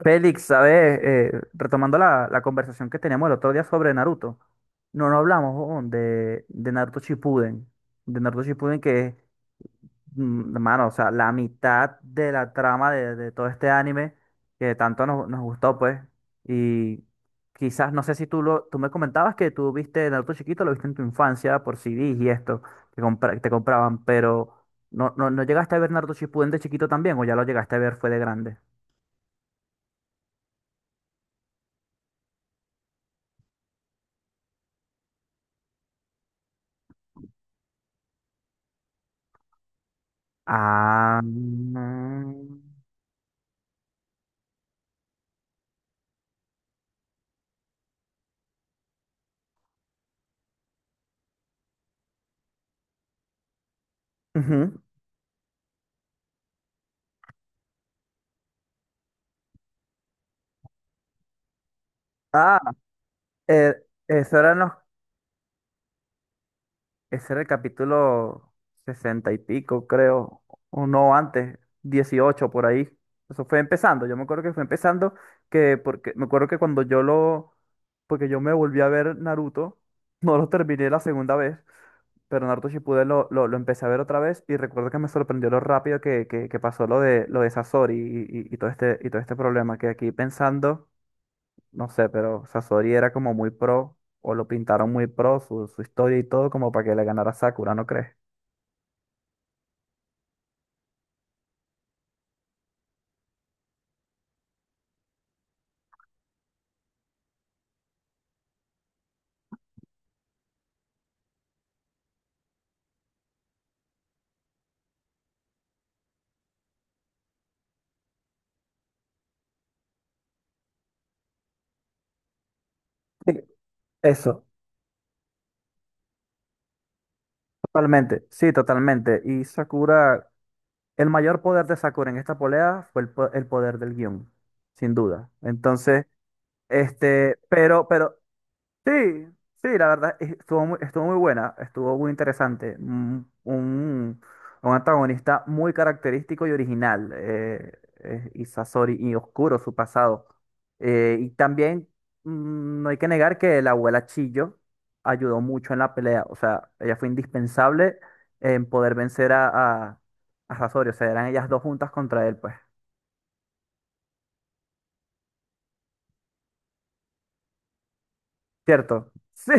Félix, ¿sabes? Retomando la conversación que teníamos el otro día sobre Naruto, no, no hablamos, huevón, de Naruto Shippuden que es, hermano, o sea, la mitad de la trama de todo este anime que tanto nos gustó, pues, y quizás, no sé si tú me comentabas que tú viste Naruto chiquito, lo viste en tu infancia por CDs y esto, que te compraban, pero ¿no llegaste a ver Naruto Shippuden de chiquito también o ya lo llegaste a ver fue de grande? Ah, mm, ujú. Ah, eh, Eso eran ese era el capítulo sesenta y pico, creo, o no, antes, 18 por ahí. Eso fue empezando, yo me acuerdo que fue empezando, que porque me acuerdo que cuando porque yo me volví a ver Naruto, no lo terminé la segunda vez, pero Naruto Shippuden lo empecé a ver otra vez y recuerdo que me sorprendió lo rápido que pasó lo lo de Sasori y todo y todo este problema, que aquí pensando. No sé, pero Sasori era como muy pro, o lo pintaron muy pro, su historia y todo, como para que le ganara Sakura, ¿no crees? Sí, eso, totalmente, sí, totalmente. Y Sakura, el mayor poder de Sakura en esta pelea fue el poder del guión, sin duda. Entonces, pero sí, sí, la verdad estuvo muy buena, estuvo muy interesante. Un antagonista muy característico y original, y Sasori, y oscuro su pasado. Y también, no hay que negar que la abuela Chillo ayudó mucho en la pelea, o sea, ella fue indispensable en poder vencer a, a Sasori, o sea, eran ellas dos juntas contra él, pues. ¿Cierto? Sí,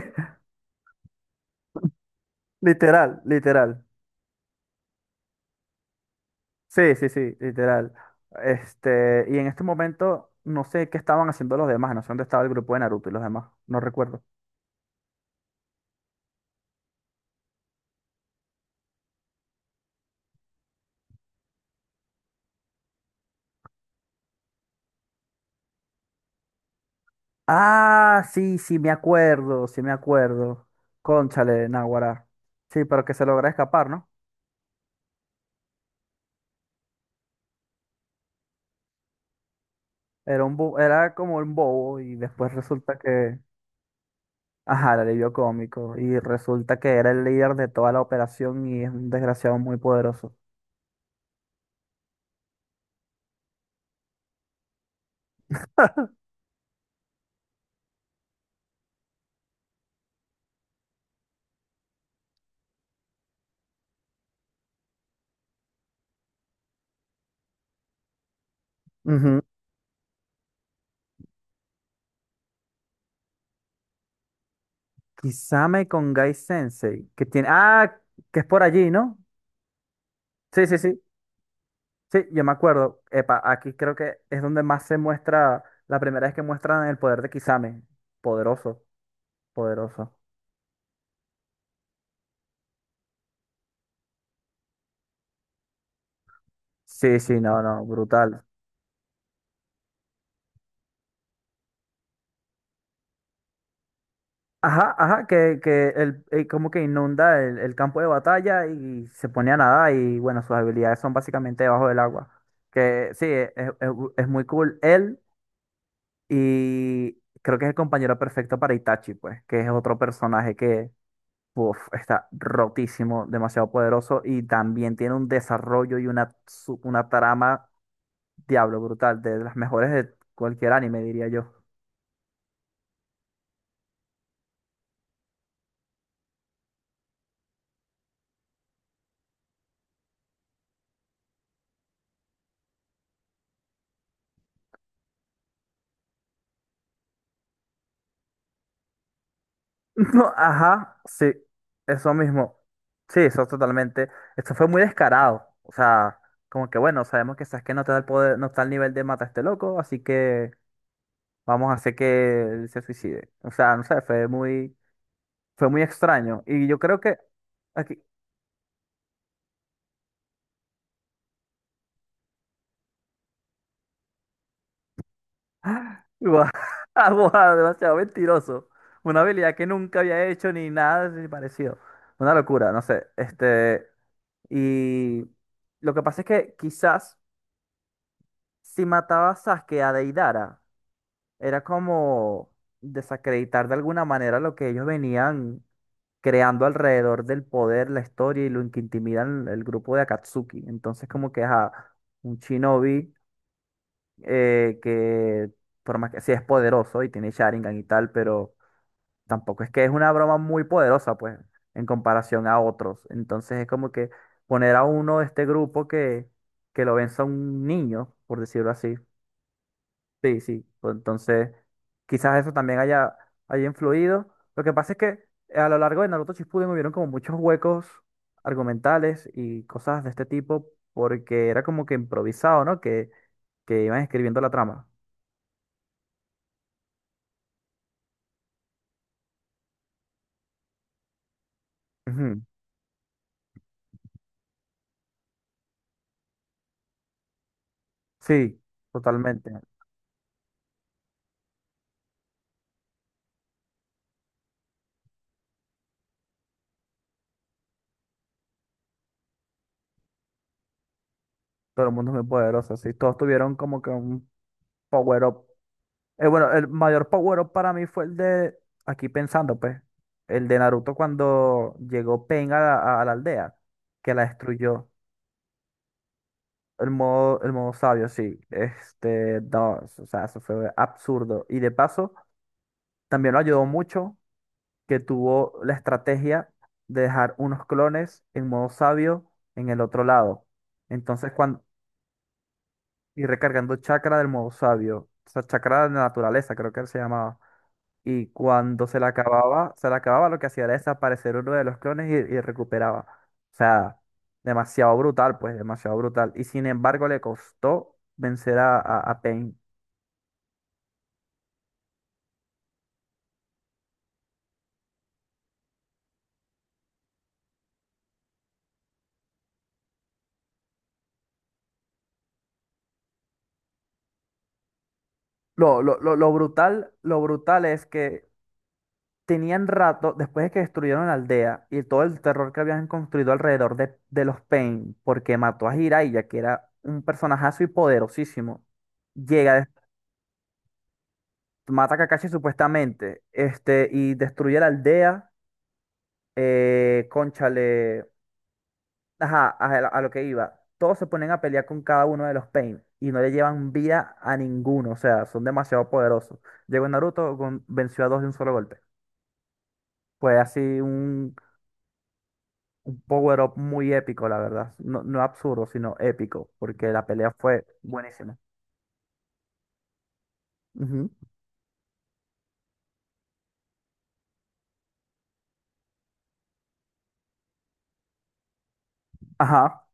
literal, literal. Sí, sí, sí, literal. Y en este momento no sé qué estaban haciendo los demás, no sé dónde estaba el grupo de Naruto y los demás, no recuerdo. Ah, sí, sí, me acuerdo, sí, me acuerdo. Cónchale, Naguará. Sí, pero que se logra escapar, ¿no? Era un era como un bobo y después resulta que, ajá, el alivio cómico y resulta que era el líder de toda la operación y es un desgraciado muy poderoso. Ujú. Kisame con Gai Sensei, que tiene, ah, que es por allí, ¿no? Sí, sí, sí. Sí, yo me acuerdo. Epa, aquí creo que es donde más se muestra, la primera vez que muestran el poder de Kisame. Poderoso, poderoso. Sí, sí, no, no, brutal. Ajá, ajá, como que inunda el campo de batalla y se pone a nadar y bueno, sus habilidades son básicamente debajo del agua. Que sí, es muy cool él y creo que es el compañero perfecto para Itachi, pues, que es otro personaje. Uf, está rotísimo, demasiado poderoso y también tiene un desarrollo y una trama, diablo, brutal, de las mejores de cualquier anime, diría yo. No, ajá, sí, eso mismo. Sí, eso totalmente. Esto fue muy descarado. O sea, como que bueno, sabemos que Sasuke no te da el poder, no está al nivel de mata a este loco, así que vamos a hacer que él se suicide. O sea, no sé, fue muy extraño. Y yo creo que aquí, guau, guau, demasiado mentiroso. Una habilidad que nunca había hecho ni nada así parecido. Una locura, no sé. Y lo que pasa es que quizás si mataba a Sasuke a Deidara, era como desacreditar de alguna manera lo que ellos venían creando alrededor del poder, la historia y lo que intimidan el grupo de Akatsuki. Entonces, como que ajá, un shinobi, eh, que, por más que sí es poderoso y tiene Sharingan y tal, pero tampoco es que es una broma muy poderosa, pues, en comparación a otros. Entonces es como que poner a uno de este que lo venza un niño, por decirlo así. Sí, sí, pues, entonces, quizás eso también haya influido. Lo que pasa es que, a lo largo de Naruto Shippuden hubieron como muchos huecos argumentales y cosas de este tipo, porque era como que improvisado, ¿no? Que iban escribiendo la trama. Ujú. Sí, totalmente. Todo el mundo es muy poderoso, sí. Todos tuvieron como que un power up. Bueno, el mayor power up para mí fue el de, aquí pensando, pues, el de Naruto cuando llegó Pain a la aldea, que la destruyó. El modo sabio, sí. No, o sea, eso fue absurdo. Y de paso, también lo ayudó mucho que tuvo la estrategia de dejar unos clones en modo sabio en el otro lado. Entonces, y recargando chakra del modo sabio. O sea, chakra de la naturaleza, creo que se llamaba. Y cuando se la acababa, lo que hacía era desaparecer uno de los clones y recuperaba. O sea, demasiado brutal, pues, demasiado brutal. Y sin embargo, le costó vencer a Pain. Lo brutal es que tenían rato, después de que destruyeron la aldea y todo el terror que habían construido alrededor de los Pain, porque mató a Jiraiya, que era un personajazo y poderosísimo, llega, mata a Kakashi supuestamente, y destruye la aldea, cónchale, ajá, a lo que iba. Todos se ponen a pelear con cada uno de los Pain y no le llevan vida a ninguno, o sea, son demasiado poderosos. Llegó Naruto, venció a dos de un solo golpe. Fue así un power-up muy épico, la verdad. No, no absurdo, sino épico, porque la pelea fue buenísima. Ujú. Ajá,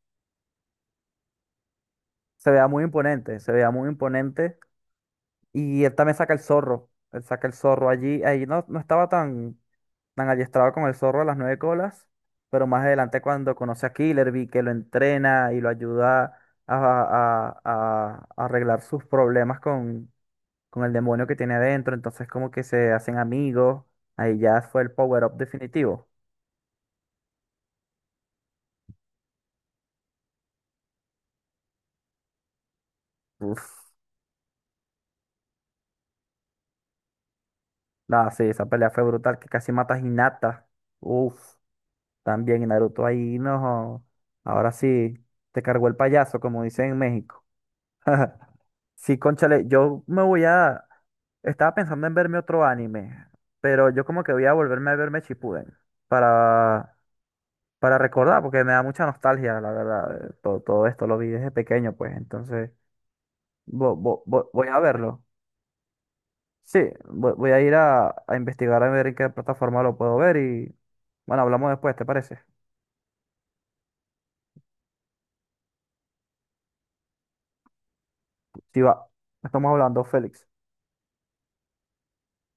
se vea muy imponente, se vea muy imponente. Y él también saca el zorro, él saca el zorro allí. Ahí no, no estaba tan, tan adiestrado con el zorro a las nueve colas, pero más adelante cuando conoce a Killer que lo entrena y lo ayuda a arreglar sus problemas con el demonio que tiene adentro, entonces como que se hacen amigos, ahí ya fue el power-up definitivo. Uf. No, sí, esa pelea fue brutal, que casi mata a Hinata. Uf. También y Naruto ahí, no. Ahora sí, te cargó el payaso, como dicen en México. Sí, cónchale, yo me voy a... Estaba pensando en verme otro anime, pero yo como que voy a volverme a verme Shippuden para, para recordar, porque me da mucha nostalgia, la verdad. Todo, todo esto lo vi desde pequeño, pues, entonces voy a verlo. Sí, voy a ir a investigar a ver en qué plataforma lo puedo ver y bueno, hablamos después, ¿te parece? Sí, va. Estamos hablando, Félix.